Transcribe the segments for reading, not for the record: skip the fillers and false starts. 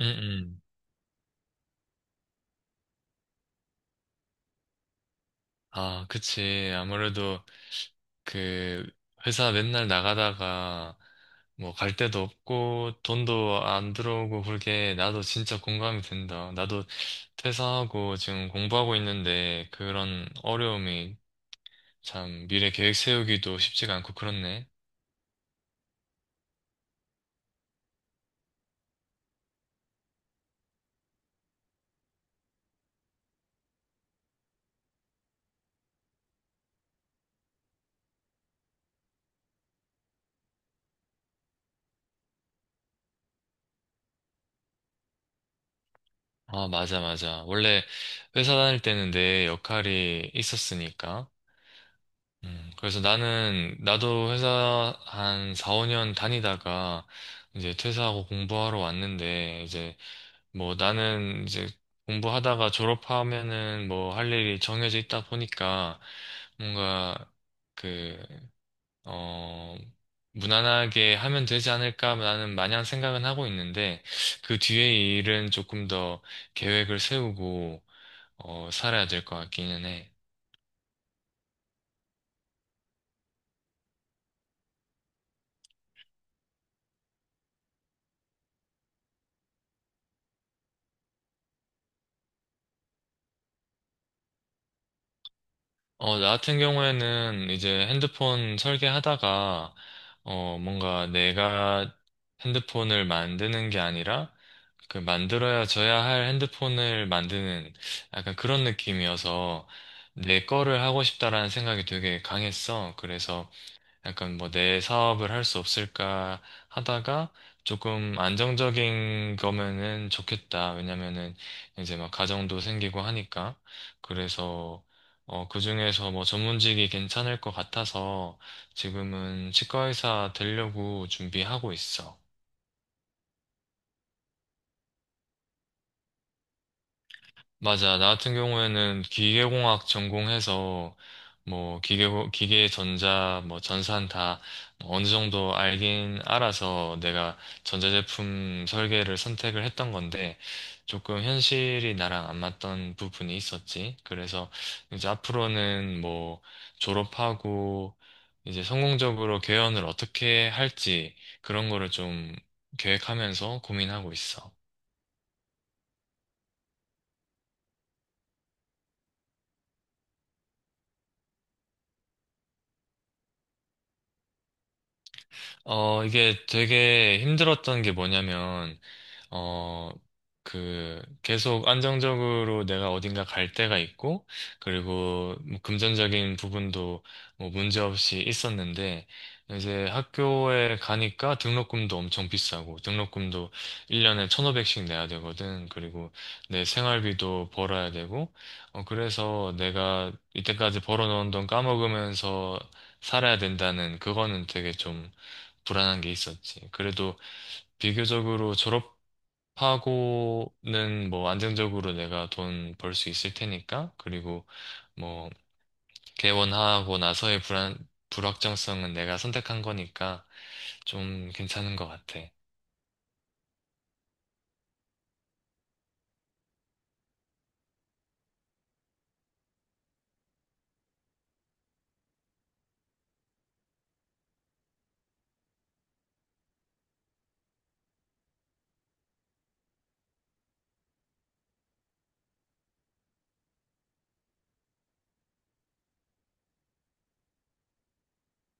응, 응. 아, 그치. 아무래도 그 회사 맨날 나가다가 뭐 갈 데도 없고 돈도 안 들어오고 그게 나도 진짜 공감이 된다. 나도 퇴사하고 지금 공부하고 있는데 그런 어려움이 참 미래 계획 세우기도 쉽지가 않고 그렇네. 아, 맞아, 맞아. 원래 회사 다닐 때는 내 역할이 있었으니까. 그래서 나도 회사 한 4, 5년 다니다가 이제 퇴사하고 공부하러 왔는데, 이제 뭐 나는 이제 공부하다가 졸업하면은 뭐 할 일이 정해져 있다 보니까 뭔가 그, 어, 무난하게 하면 되지 않을까 나는 마냥 생각은 하고 있는데, 그 뒤에 일은 조금 더 계획을 세우고, 살아야 될 것 같기는 해. 나 같은 경우에는 이제 핸드폰 설계하다가, 뭔가 내가 핸드폰을 만드는 게 아니라, 만들어야 져야 할 핸드폰을 만드는 약간 그런 느낌이어서, 내 거를 하고 싶다라는 생각이 되게 강했어. 그래서, 약간 뭐 내 사업을 할 수 없을까 하다가 조금 안정적인 거면은 좋겠다. 왜냐면은 이제 막 가정도 생기고 하니까. 그래서 그중에서 뭐 전문직이 괜찮을 것 같아서 지금은 치과의사 되려고 준비하고 있어. 맞아. 나 같은 경우에는 기계공학 전공해서 뭐 기계 전자 뭐 전산 다 어느 정도 알긴 알아서 내가 전자제품 설계를 선택을 했던 건데 조금 현실이 나랑 안 맞던 부분이 있었지. 그래서 이제 앞으로는 뭐 졸업하고 이제 성공적으로 개연을 어떻게 할지 그런 거를 좀 계획하면서 고민하고 있어. 이게 되게 힘들었던 게 뭐냐면, 어, 계속 안정적으로 내가 어딘가 갈 때가 있고, 그리고 뭐 금전적인 부분도 뭐 문제 없이 있었는데, 이제 학교에 가니까 등록금도 엄청 비싸고, 등록금도 1년에 1,500씩 내야 되거든. 그리고 내 생활비도 벌어야 되고, 그래서 내가 이때까지 벌어놓은 돈 까먹으면서 살아야 된다는 그거는 되게 좀 불안한 게 있었지. 그래도 비교적으로 졸업하고는 뭐 안정적으로 내가 돈 벌 수 있을 테니까. 그리고 뭐 개원하고 나서의 불확정성은 내가 선택한 거니까 좀 괜찮은 것 같아.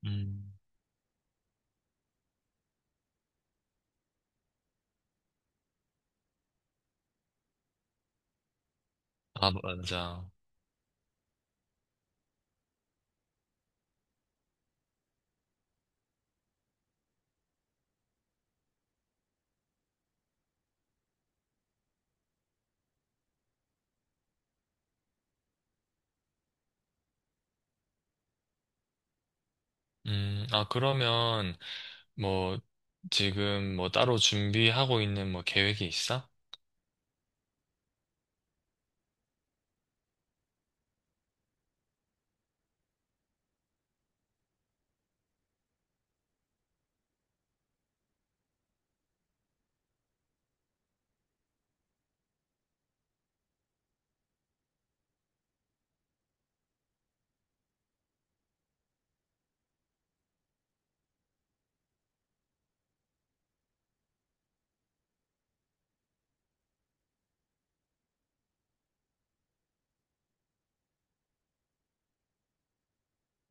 음. 아, 맞아. 아, 그러면 뭐 지금 뭐 따로 준비하고 있는 뭐 계획이 있어?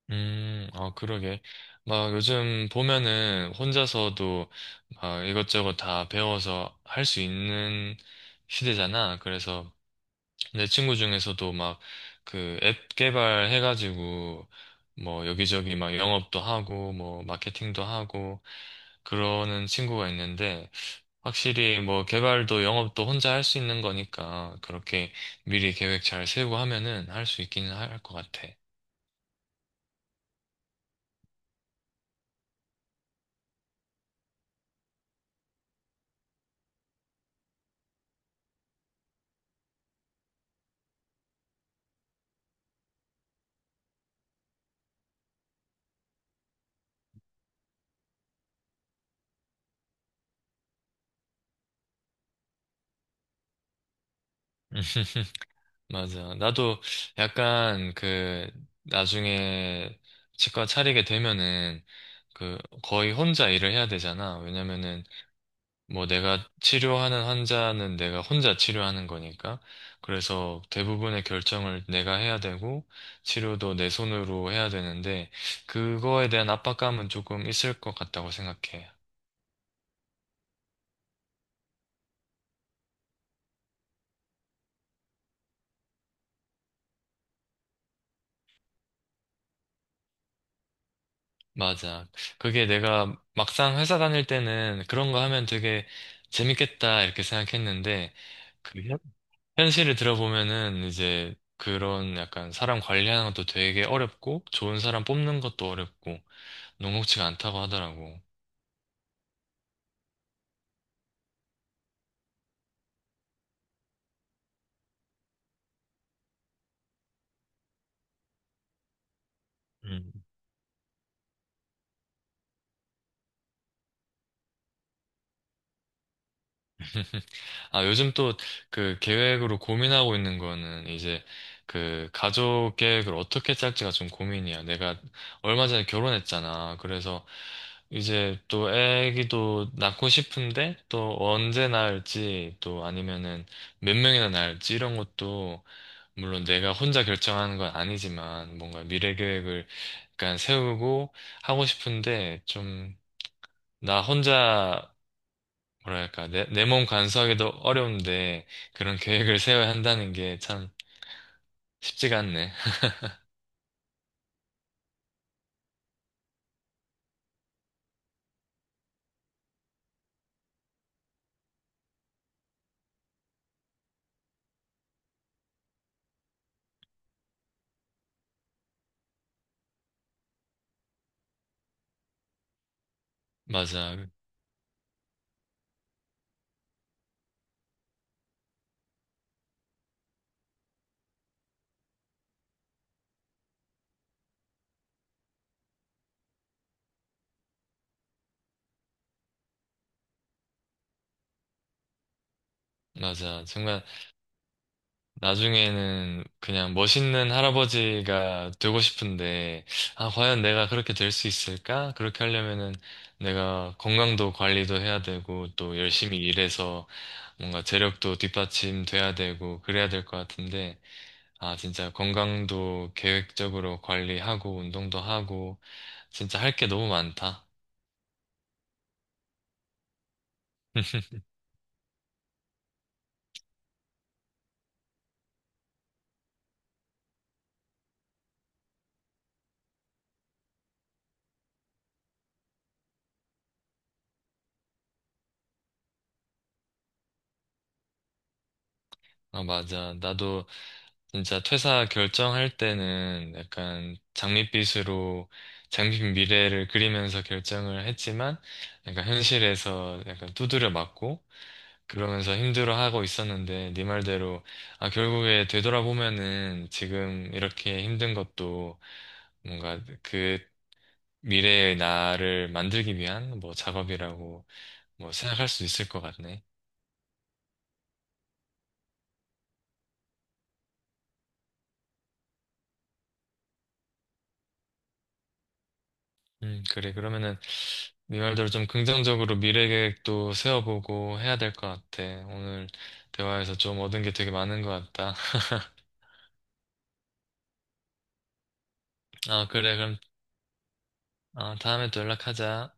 아, 그러게. 막 요즘 보면은 혼자서도 막 이것저것 다 배워서 할 수 있는 시대잖아. 그래서 내 친구 중에서도 막 그 앱 개발해가지고 뭐 여기저기 막 영업도 하고 뭐 마케팅도 하고 그러는 친구가 있는데 확실히 뭐 개발도 영업도 혼자 할 수 있는 거니까 그렇게 미리 계획 잘 세우고 하면은 할 수 있기는 할 것 같아. 맞아. 나도 약간 나중에 치과 차리게 되면은 그 거의 혼자 일을 해야 되잖아. 왜냐면은 뭐 내가 치료하는 환자는 내가 혼자 치료하는 거니까. 그래서 대부분의 결정을 내가 해야 되고 치료도 내 손으로 해야 되는데 그거에 대한 압박감은 조금 있을 것 같다고 생각해. 맞아. 그게 내가 막상 회사 다닐 때는 그런 거 하면 되게 재밌겠다 이렇게 생각했는데 현실을 들어보면은 이제 그런 약간 사람 관리하는 것도 되게 어렵고 좋은 사람 뽑는 것도 어렵고 녹록지가 않다고 하더라고. 아, 요즘 또 그 계획으로 고민하고 있는 거는 이제 그 가족 계획을 어떻게 짤지가 좀 고민이야. 내가 얼마 전에 결혼했잖아. 그래서 이제 또 애기도 낳고 싶은데 또 언제 낳을지 또 아니면은 몇 명이나 낳을지 이런 것도 물론 내가 혼자 결정하는 건 아니지만 뭔가 미래 계획을 약간 세우고 하고 싶은데 좀 나 혼자 뭐랄까, 내 몸 간수하기도 어려운데 그런 계획을 세워야 한다는 게 참 쉽지가 않네. 맞아, 맞아. 정말 나중에는 그냥 멋있는 할아버지가 되고 싶은데, 아, 과연 내가 그렇게 될 수 있을까? 그렇게 하려면은 내가 건강도 관리도 해야 되고, 또 열심히 일해서 뭔가 재력도 뒷받침돼야 되고, 그래야 될 것 같은데, 아, 진짜 건강도 계획적으로 관리하고, 운동도 하고, 진짜 할 게 너무 많다. 아, 맞아. 나도 진짜 퇴사 결정할 때는 약간 장밋빛 미래를 그리면서 결정을 했지만 약간 현실에서 약간 두드려 맞고 그러면서 힘들어하고 있었는데 네 말대로 아, 결국에 되돌아보면은 지금 이렇게 힘든 것도 뭔가 그 미래의 나를 만들기 위한 뭐 작업이라고 뭐 생각할 수 있을 것 같네. 그래. 그러면은 네 말대로 좀 긍정적으로 미래 계획도 세워보고 해야 될 것 같아. 오늘 대화에서 좀 얻은 게 되게 많은 것 같다. 아, 그래. 그럼 다음에 또 연락하자.